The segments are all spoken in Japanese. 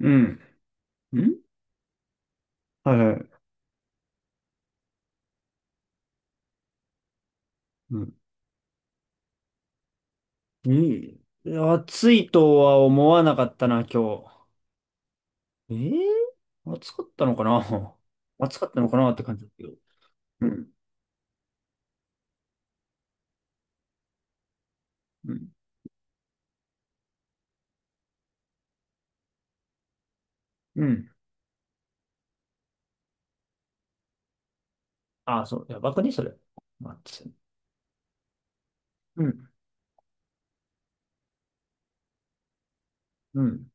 うん。んはいはい。うん。に、暑いとは思わなかったな、今日。え暑かったのかな 暑かったのかなって感じだけど。うん。うん。うん。ああ、そう。やばくね、それ。待って。うん。うん。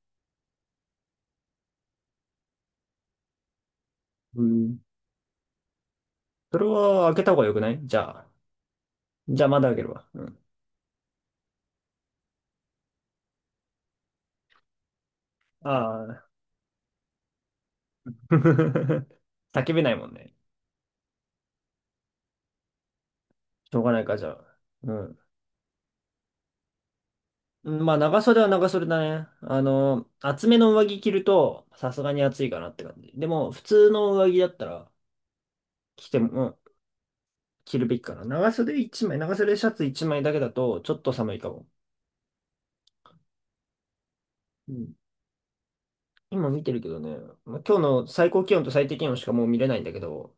うん。それは開けた方がよくない？じゃあ。じゃあ、まだ開けるわ。うん。ああ。叫べないもんね。しょうがないか、じゃあ。うん。うん、まあ、長袖は長袖だね。厚めの上着着ると、さすがに暑いかなって感じ。でも、普通の上着だったら、着ても、うん、着るべきかな。長袖一枚、長袖シャツ一枚だけだと、ちょっと寒いかも。うん、今見てるけどね、まあ、今日の最高気温と最低気温しかもう見れないんだけど、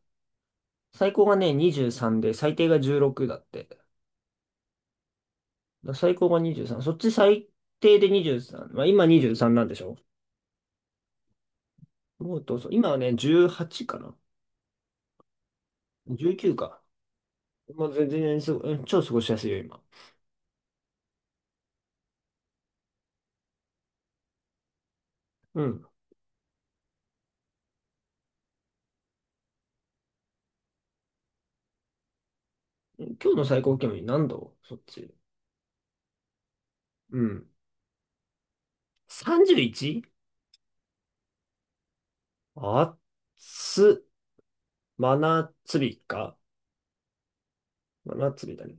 最高がね、23で、最低が16だって。だから最高が23。そっち最低で23。まあ、今23なんでしょ？もうどうぞ。今はね、18かな。19か。まあ、全然すご、超過ごしやすいよ、今。うん。今日の最高気温何度そっち？うん。31？ あっつ、真夏日か。真夏日だね。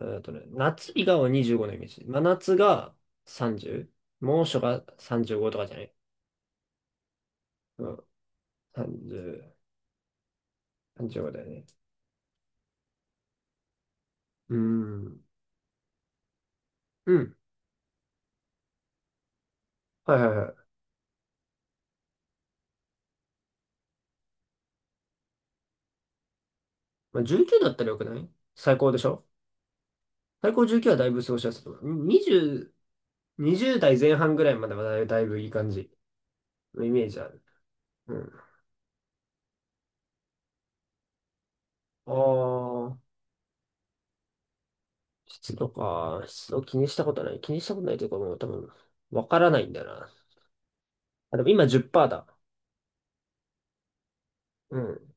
夏日が25のイメージ。真夏が 30？ 猛暑が35とかじゃない？うん。30、35だよね。うーん。うん。はいはいはい。まあ、19だったらよくない？最高でしょ？最高重9はだいぶ過ごしやすいと思う。20、20代前半ぐらいまではだいぶだいぶいい感じのイメージある。うん。ああ、湿度か。湿度気にしたことない。気にしたことないというかもう多分、わからないんだよな。あ、でも今10%だ。うん。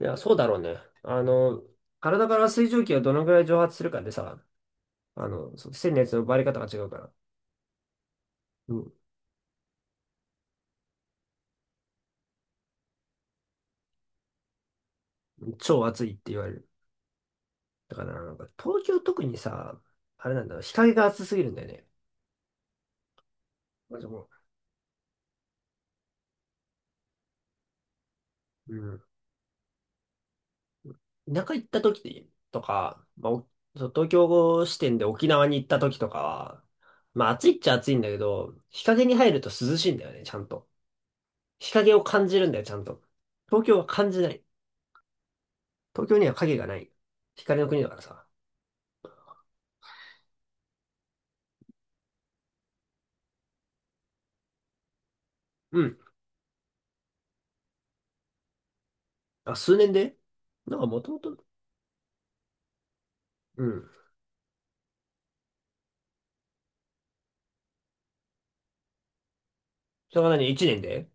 いや、そうだろうね。あの、体から水蒸気がどのぐらい蒸発するかでさ、そうのやつの奪われ方が違うから。うん。超暑いって言われる。だからなんか、東京特にさ、あれなんだろう、日陰が暑すぎるんだよね。まあでも、うん、田舎行った時とか、まあ、そう、東京支店で沖縄に行った時とかは、まあ暑いっちゃ暑いんだけど、日陰に入ると涼しいんだよね、ちゃんと。日陰を感じるんだよ、ちゃんと。東京は感じない。東京には影がない。光の国だからさ。うん。あ、数年で、なんかもともと、うん。それが何？一年で？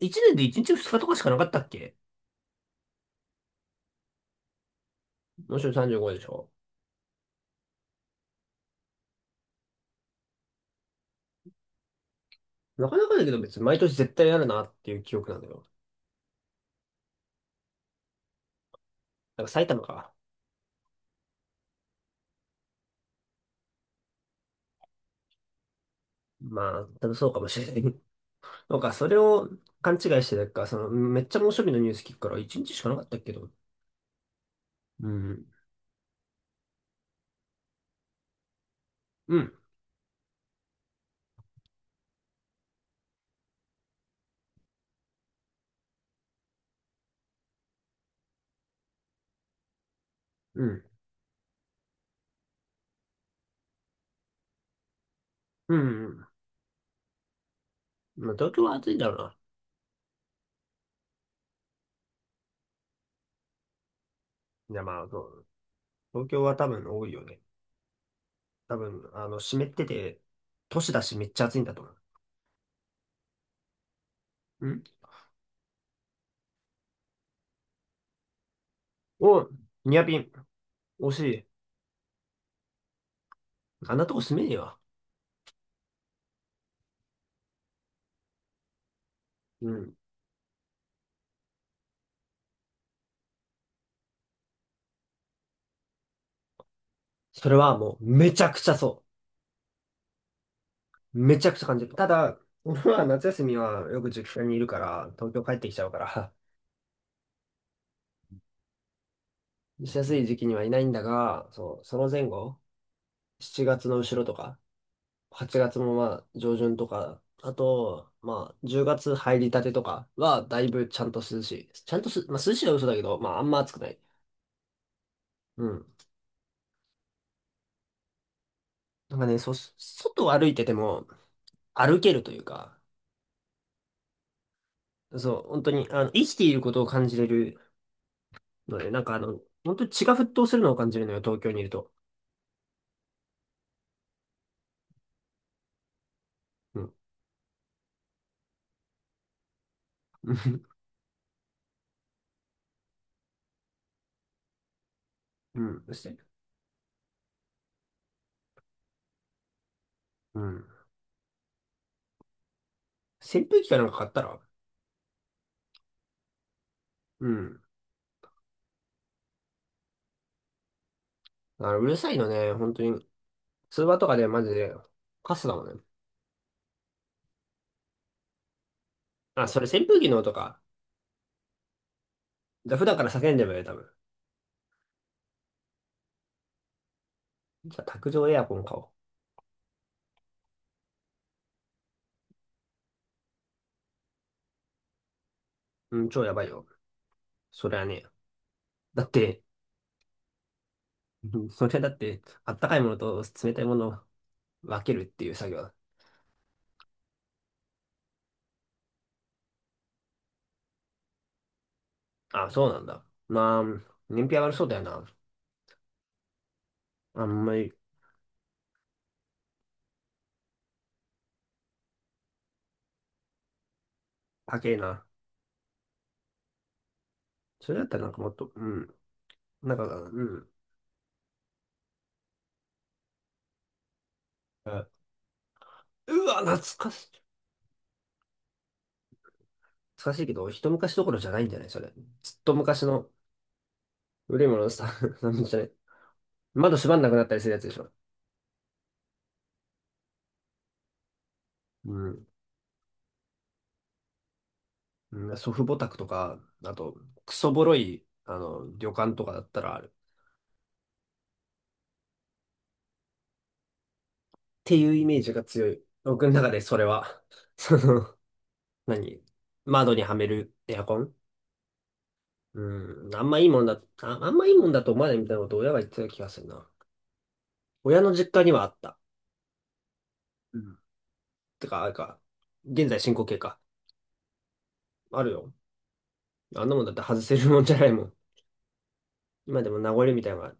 え一年で一日二日とかしかなかったっけ？もちろん35でしょ？なかなかだけど別に毎年絶対あるなっていう記憶なんだよ。だから埼玉か。まあ、多分そうかもしれない。なんか、それを勘違いしてたか、その、めっちゃ猛暑日のニュース聞くから、一日しかなかったっけど。うん。うん。うん。うん。うん、まあ、東京は暑いんだろうな。いや、まあ、そう、東京は多分多いよね。多分、湿ってて、都市だしめっちゃ暑いんだと思う。うん。お、ニアピン。惜しい。あんなとこ住めねえわ。うん。それはもう、めちゃくちゃそう。めちゃくちゃ感じる。ただ、俺は夏休みはよく実家にいるから、東京帰ってきちゃうから、しやすい時期にはいないんだが、そう、その前後、7月の後ろとか、8月もまあ上旬とか、あと、まあ10月入りたてとかはだいぶちゃんと涼しい。ちゃんとす、まあ、涼しいは嘘だけど、まああんま暑くない。うん。なんかね、そう、外を歩いてても歩けるというか、そう、本当に、生きていることを感じれるので、なんか本当に血が沸騰するのを感じるのよ、東京にいると。うん。うん。そして、うん。扇風機かなんか買ったら？うん。うるさいのね、本当に。通話とかでマジで、カスだもんね。あ、それ扇風機の音か。じゃあ普段から叫んでもいいよ、多分。じゃあ卓上エアコン買おう。うん、超やばいよ。それはね、だって、うん、それだって、あったかいものと冷たいものを分けるっていう作業だ。あ、そうなんだ。まあ、燃費上がりそうだよな。あんまり、高えな。それだったらなんかもっと、うん、なんか、うん。あ、うわ、懐かしい。懐かしいけど、一昔どころじゃないんじゃない、それ？ずっと昔の古いものさ、なんじゃない？窓閉まんなくなったりするやつでしょ？うん。うん、祖父母宅とか、あと、クソボロい、旅館とかだったらある。っていうイメージが強い。僕の中でそれは。その、何、窓にはめるエアコン？うん、あんまいいもんだ、あ、あんまいいもんだと思わないみたいなことを親が言ってた気がするな。親の実家にはあった。うん、てか、あれか、現在進行形か。あるよ。あんなもんだって外せるもんじゃないもん。今でも名残みたいなのがあ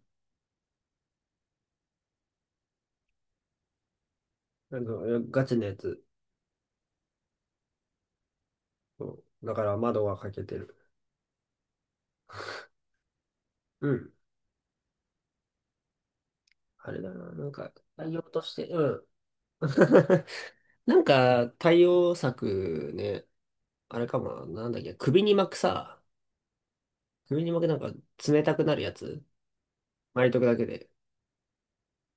る。なんかガチなやつ。そうだから窓が開けてる。うん。あれだな、なんか、対応として、うん。なんか、対応策ね、あれかもな、なんだっけ、首に巻くなんか冷たくなるやつ、巻いとくだけで。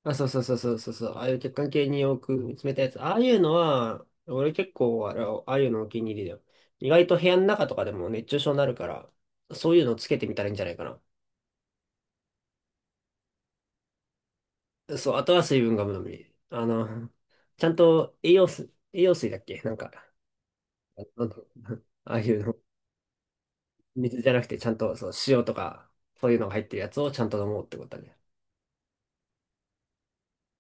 あ、そうそうそうそうそうそう、ああいう血管系に置く冷たいやつ。ああいうのは、俺結構あれ、ああいうのお気に入りだよ。意外と部屋の中とかでも熱中症になるから、そういうのつけてみたらいいんじゃないかな。そう、あとは水分がむのみ。ちゃんと栄養水、栄養水だっけ、なんか。なんと ああいうの、水じゃなくて、ちゃんとそう、塩とか、そういうのが入ってるやつをちゃんと飲もうってことだね。